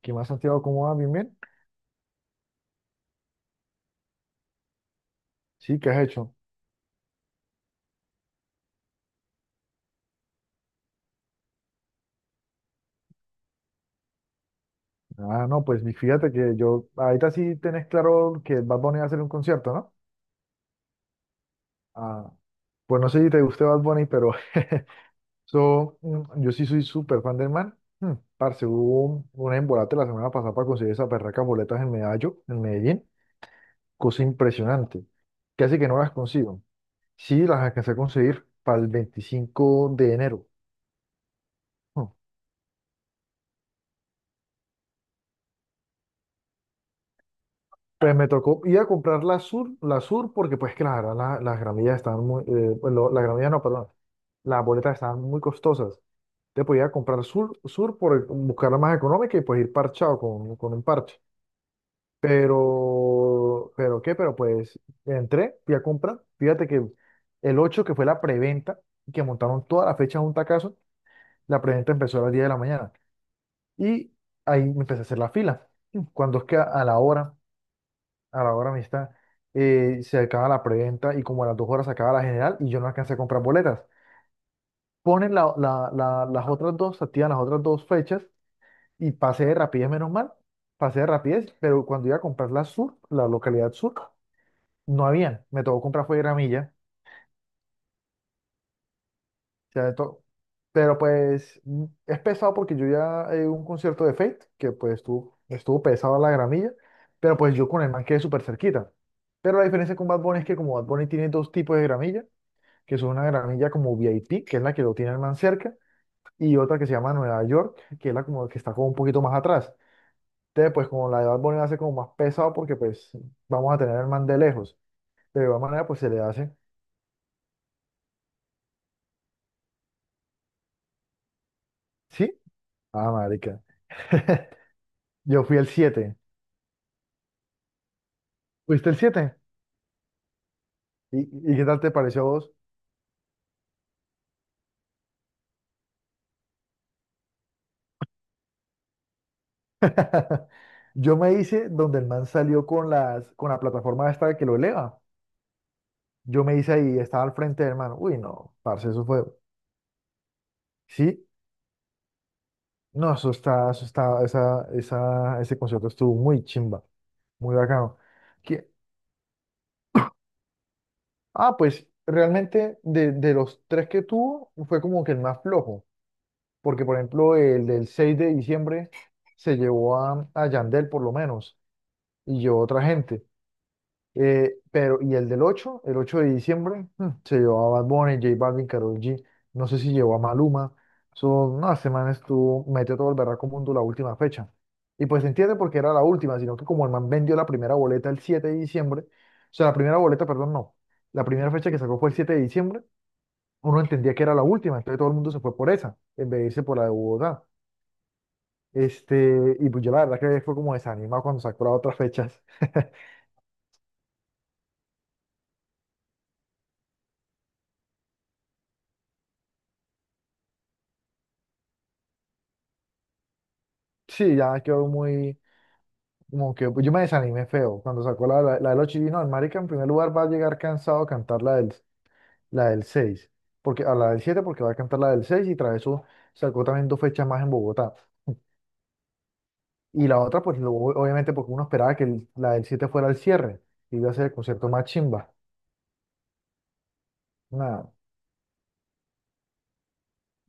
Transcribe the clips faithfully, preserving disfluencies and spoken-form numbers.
¿Qué más, Santiago? ¿Cómo vas? ¿Bien, bien? Sí, ¿qué has hecho? Ah, no, pues mi- fíjate que yo, ahorita sí tenés claro que Bad Bunny va a hacer un concierto, ¿no? Ah, pues no sé si te guste Bad Bunny, pero so, mm, yo sí soy súper fan del man. Mm, parce, hubo un, un embolate la semana pasada para conseguir esas berracas boletas en Medallo, en Medellín. Cosa impresionante. Casi que no las consigo. Sí, las alcancé a conseguir para el veinticinco de enero. Hmm. Pues me tocó ir a comprar la Sur, la Sur porque pues claro, la- las gramillas estaban muy, eh, pues, lo- las gramillas no, perdón, las boletas estaban muy costosas. Te podía comprar Sur, Sur por buscarla más económica y pues ir parchado con, con un parche. Pero, pero qué, pero pues entré, fui a comprar. Fíjate que el ocho, que fue la preventa, que montaron toda la fecha de un tacazo, la preventa empezó a las diez de la mañana. Y ahí me empecé a hacer la fila. Cuando es que a a la hora a la hora amistad, eh, se acaba la preventa y como a las dos horas se acaba la general y yo no alcancé a comprar boletas. Ponen la- la- la- las otras dos, se activan las otras dos fechas y pasé de rapidez, menos mal, pasé de rapidez, pero cuando iba a comprar la sur, la localidad sur, no habían, me tocó comprar fue gramilla, o sea, de todo. Pero pues mm, es pesado porque yo ya eh, un concierto de Fate, que pues estuvo, estuvo pesado la gramilla, pero pues yo con el man quedé súper cerquita. Pero la diferencia con Bad Bunny es que como Bad Bunny tiene dos tipos de gramilla, que son una gramilla como V I P, que es la que lo tiene el man cerca, y otra que se llama Nueva York, que es la como que está como un poquito más atrás. Entonces, pues como la de Bad Bunny va a como más pesado porque pues vamos a tener al man de lejos. De igual manera, pues se le hace. ¿Sí? Ah, marica. Yo fui el siete. ¿Fuiste el siete? ¿Y, y qué tal te pareció a vos? Yo me hice donde el man salió con las, con la plataforma esta que lo eleva. Yo me hice ahí, estaba al frente del man. Uy, no, parce, eso fue. Sí. No, eso está, eso está, esa, esa, ese concierto estuvo muy chimba, muy bacano. Que, ah, pues realmente de, de los tres que tuvo fue como que el más flojo, porque por ejemplo el del seis de diciembre se llevó a, a Yandel por lo menos y yo otra gente. Eh, pero, y el del ocho, el ocho de diciembre, mm, se llevó a Bad Bunny, J Balvin, Karol G, no sé si llevó a Maluma, son, no, este man estuvo, metió todo el berraco mundo la última fecha. Y pues se entiende porque era la última, sino que como el man vendió la primera boleta el siete de diciembre, o sea, la primera boleta, perdón, no, la primera fecha que sacó fue el siete de diciembre, uno entendía que era la última, entonces todo el mundo se fue por esa, en vez de irse por la de Bogotá. Este, y pues yo la verdad que fue como desanimado cuando sacó las otras fechas. Sí, ya quedó muy. Como que pues, yo me desanimé feo cuando sacó la, la, la de los chinos. No, el marica en primer lugar va a llegar cansado a cantar la del, la del seis porque, a la del siete porque va a cantar la del seis y tras eso sacó también dos fechas más en Bogotá. Y la otra, pues lo- obviamente porque uno esperaba que el- la del siete fuera el cierre y iba a ser el concierto más chimba. Nada.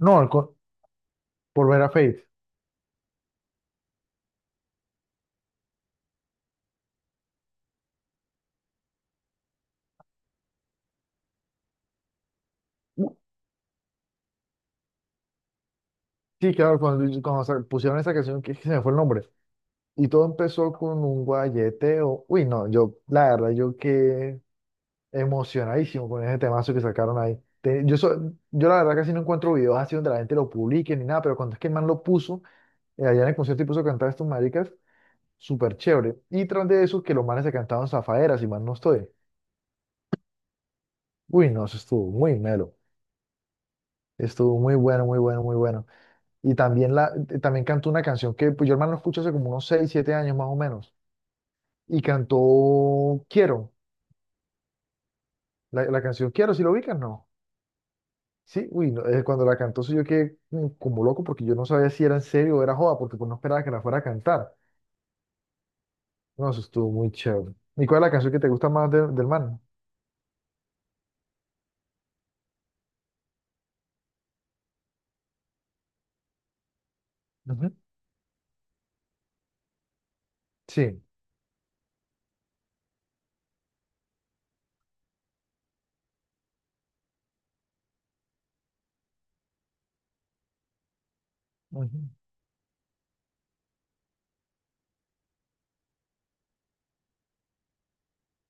No, el con- volver a Faith. Uh, Sí, claro, cuando, cuando se pusieron esa canción, que, que se me fue el nombre. Y todo empezó con un guayeteo. Uy, no, yo, la verdad, yo qué emocionadísimo con ese temazo que sacaron ahí. Te- yo, so- yo la verdad casi no encuentro videos así donde la gente lo publique ni nada, pero cuando es que el man lo puso, eh, allá en el concierto y puso a cantar a estos maricas, súper chévere. Y tras de eso, que los manes se cantaban zafaderas, y mal no estoy. Uy, no, eso estuvo muy melo. Estuvo muy bueno, muy bueno, muy bueno. Y también, la, eh, también cantó una canción que pues, yo el man lo escucho hace como unos seis siete años más o menos. Y cantó Quiero, la, la canción Quiero, si lo ubicas, no. Sí, uy, no, eh, cuando la cantó sí yo quedé mm, como loco porque yo no sabía si era en serio o era joda, porque pues no esperaba que la fuera a cantar. No, eso estuvo muy chévere. ¿Y cuál es la canción que te gusta más de- del man? Ujú. Sí. Ujú.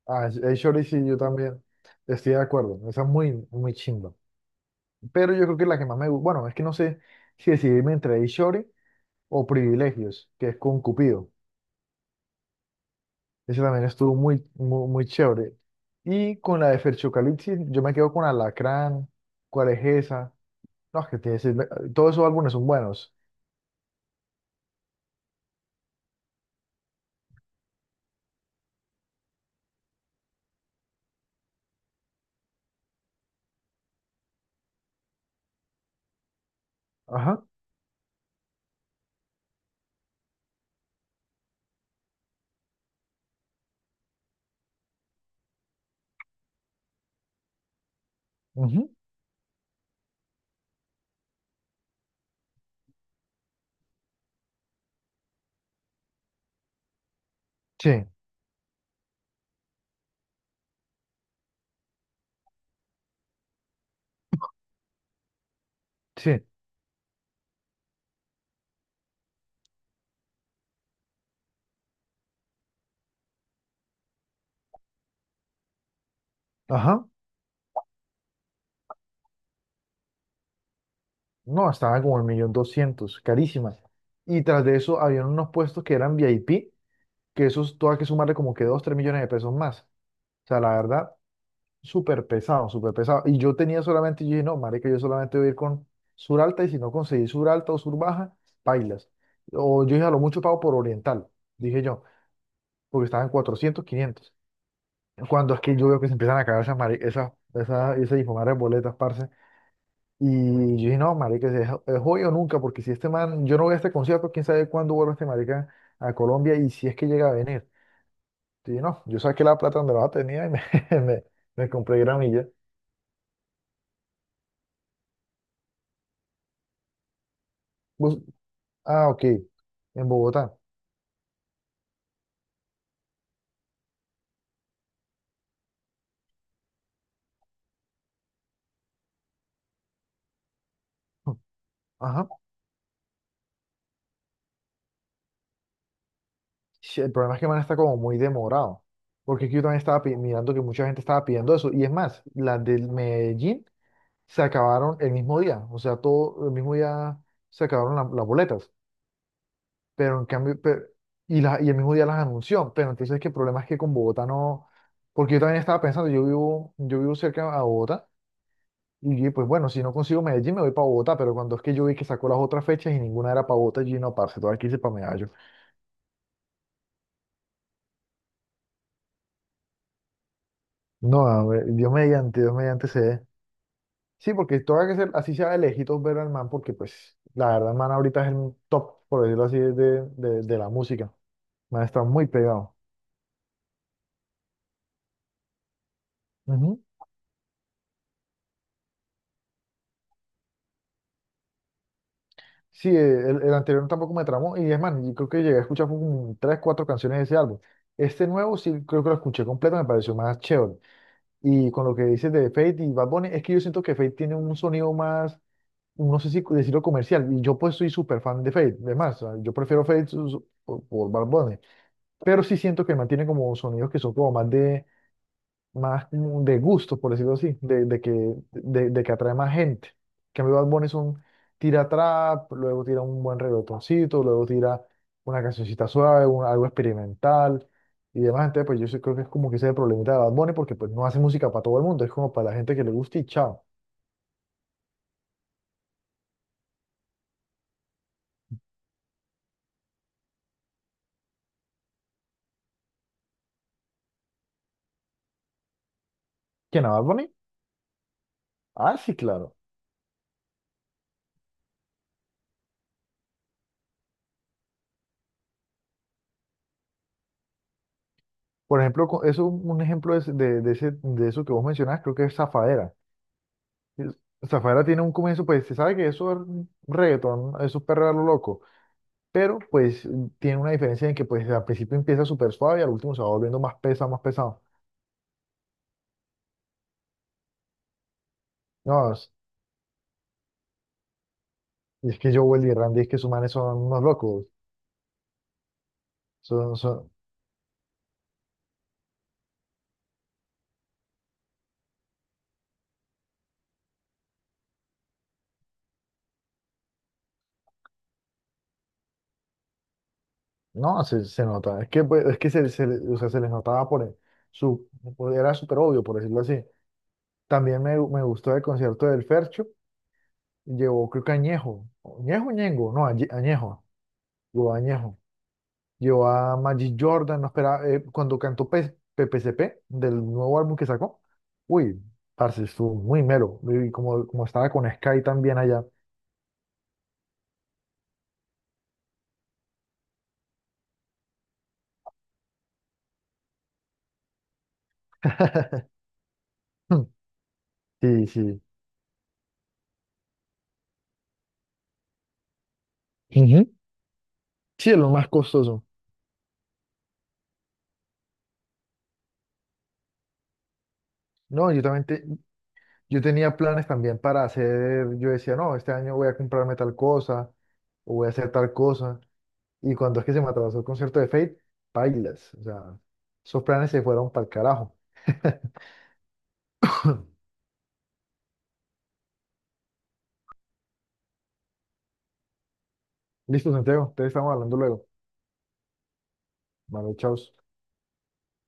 Ah, el Shorty sí, yo también estoy de acuerdo. Esa es muy, muy chimba. Pero yo creo que la que más me gusta, bueno, es que no sé si decidirme entre el Shorty o Privilegios, que es con Cupido. Ese también estuvo muy, muy, muy chévere. Y con la de Ferchocalipsis, yo me quedo con Alacrán. ¿Cuál es esa? No, es que tiene, sí, me- todos esos álbumes son buenos. Ajá. Ujú. Sí, sí. Ajá. No, estaban como el millón doscientos, carísimas. Y tras de eso habían unos puestos que eran V I P, que esos todo hay que sumarle como que dos, tres millones de pesos más. O sea, la verdad, súper pesado, súper pesado. Y yo tenía solamente, yo dije, no, marica, yo solamente voy a ir con sur alta y si no conseguí sur alta o sur baja, bailas. O yo dije, a lo mucho pago por oriental, dije yo, porque estaban cuatrocientos, quinientos. Cuando es que yo veo que se empiezan a caer esas, mari- esas, esas, esas hijuemadre boletas, parce. Y yo dije, no, marica, es, es hoy o nunca, porque si este man, yo no voy a este concierto, quién sabe cuándo vuelve este marica a Colombia y si es que llega a venir. Y dije, no, yo saqué la plata donde la tenía y me, me, me compré gramilla. Bus- ah, ok, en Bogotá. Ajá. Sí, el problema es que man está como muy demorado, porque es que yo también estaba pi- mirando que mucha gente estaba pidiendo eso. Y es más, las del Medellín se acabaron el mismo día, o sea, todo el mismo día se acabaron la- las boletas, pero en cambio, pe- y, la- y el mismo día las anunció, pero entonces que el problema es que con Bogotá no, porque yo también estaba pensando, yo vivo, yo vivo cerca a Bogotá, y yo dije, pues bueno, si no consigo Medellín me voy para Bogotá, pero cuando es que yo vi que sacó las otras fechas y ninguna era para Bogotá, yo dije, no, parce, todo aquí hice para Medallo. No, a ver, Dios mediante, Dios mediante se dé. Sí, porque todo hay que ser, así sea de lejitos ver al man, porque pues la verdad el man ahorita es el top, por decirlo así, de, de de la música. Me ha estado muy pegado. Ujú. Sí, eh, el, el anterior tampoco me tramó. Y es más, yo creo que llegué a escuchar como tres, cuatro canciones de ese álbum. Este nuevo sí creo que lo escuché completo, me pareció más chévere. Y con lo que dices de Fate y Bad Bunny, es que yo siento que Fate tiene un sonido más, no sé si decirlo comercial. Y yo pues soy súper fan de Fate. Además, o sea, yo prefiero Fate su- su- por, por Bad Bunny. Pero sí siento que mantiene como sonidos que son como más de, más como de gusto, por decirlo así, de, de que, de, de que atrae más gente. Que cambio, Bad Bunny es un tira trap, luego tira un buen reggaetoncito, luego tira una cancioncita suave, un- algo experimental y demás. Entonces, pues yo sí creo que es como que ese es el problemita de Bad Bunny, porque pues no hace música para todo el mundo, es como para la gente que le gusta y chao. ¿Quién a Bad Bunny? Ah, sí, claro. Por ejemplo, co- eso, un ejemplo es de, de, ese, de eso que vos mencionás, creo que es Zafaera. Es- Zafaera tiene un comienzo, pues se sabe que eso es reggaetón, eso es perreo a lo loco, pero pues tiene una diferencia en que pues al principio empieza súper suave y al último se va volviendo más pesado, más pesado. No, es, es que Joel y Randy es que sus manes son unos locos. Son, son, no, se, se nota. Es que, pues, es que se, se, le- o sea, se les notaba por el- su, por- era súper obvio, por decirlo así. También me, me gustó el concierto del Fercho. Llevó, creo que Añejo. ¿Añejo, Ñengo? No, Añe- Añejo. Llevó Añejo. Llevó a Magic Jordan, no esperaba, eh, cuando cantó P- PPCP del nuevo álbum que sacó. Uy, parce, estuvo muy mero. Y como, como estaba con Sky también allá. Sí, sí. Ujú. Sí, es lo más costoso. No, yo también te- yo tenía planes también para hacer, yo decía, no, este año voy a comprarme tal cosa, o voy a hacer tal cosa. Y cuando es que se me atrasó el concierto de Fate, bailas. O sea, esos planes se fueron para el carajo. Listo, Santiago, te estamos hablando luego. Vale, chao.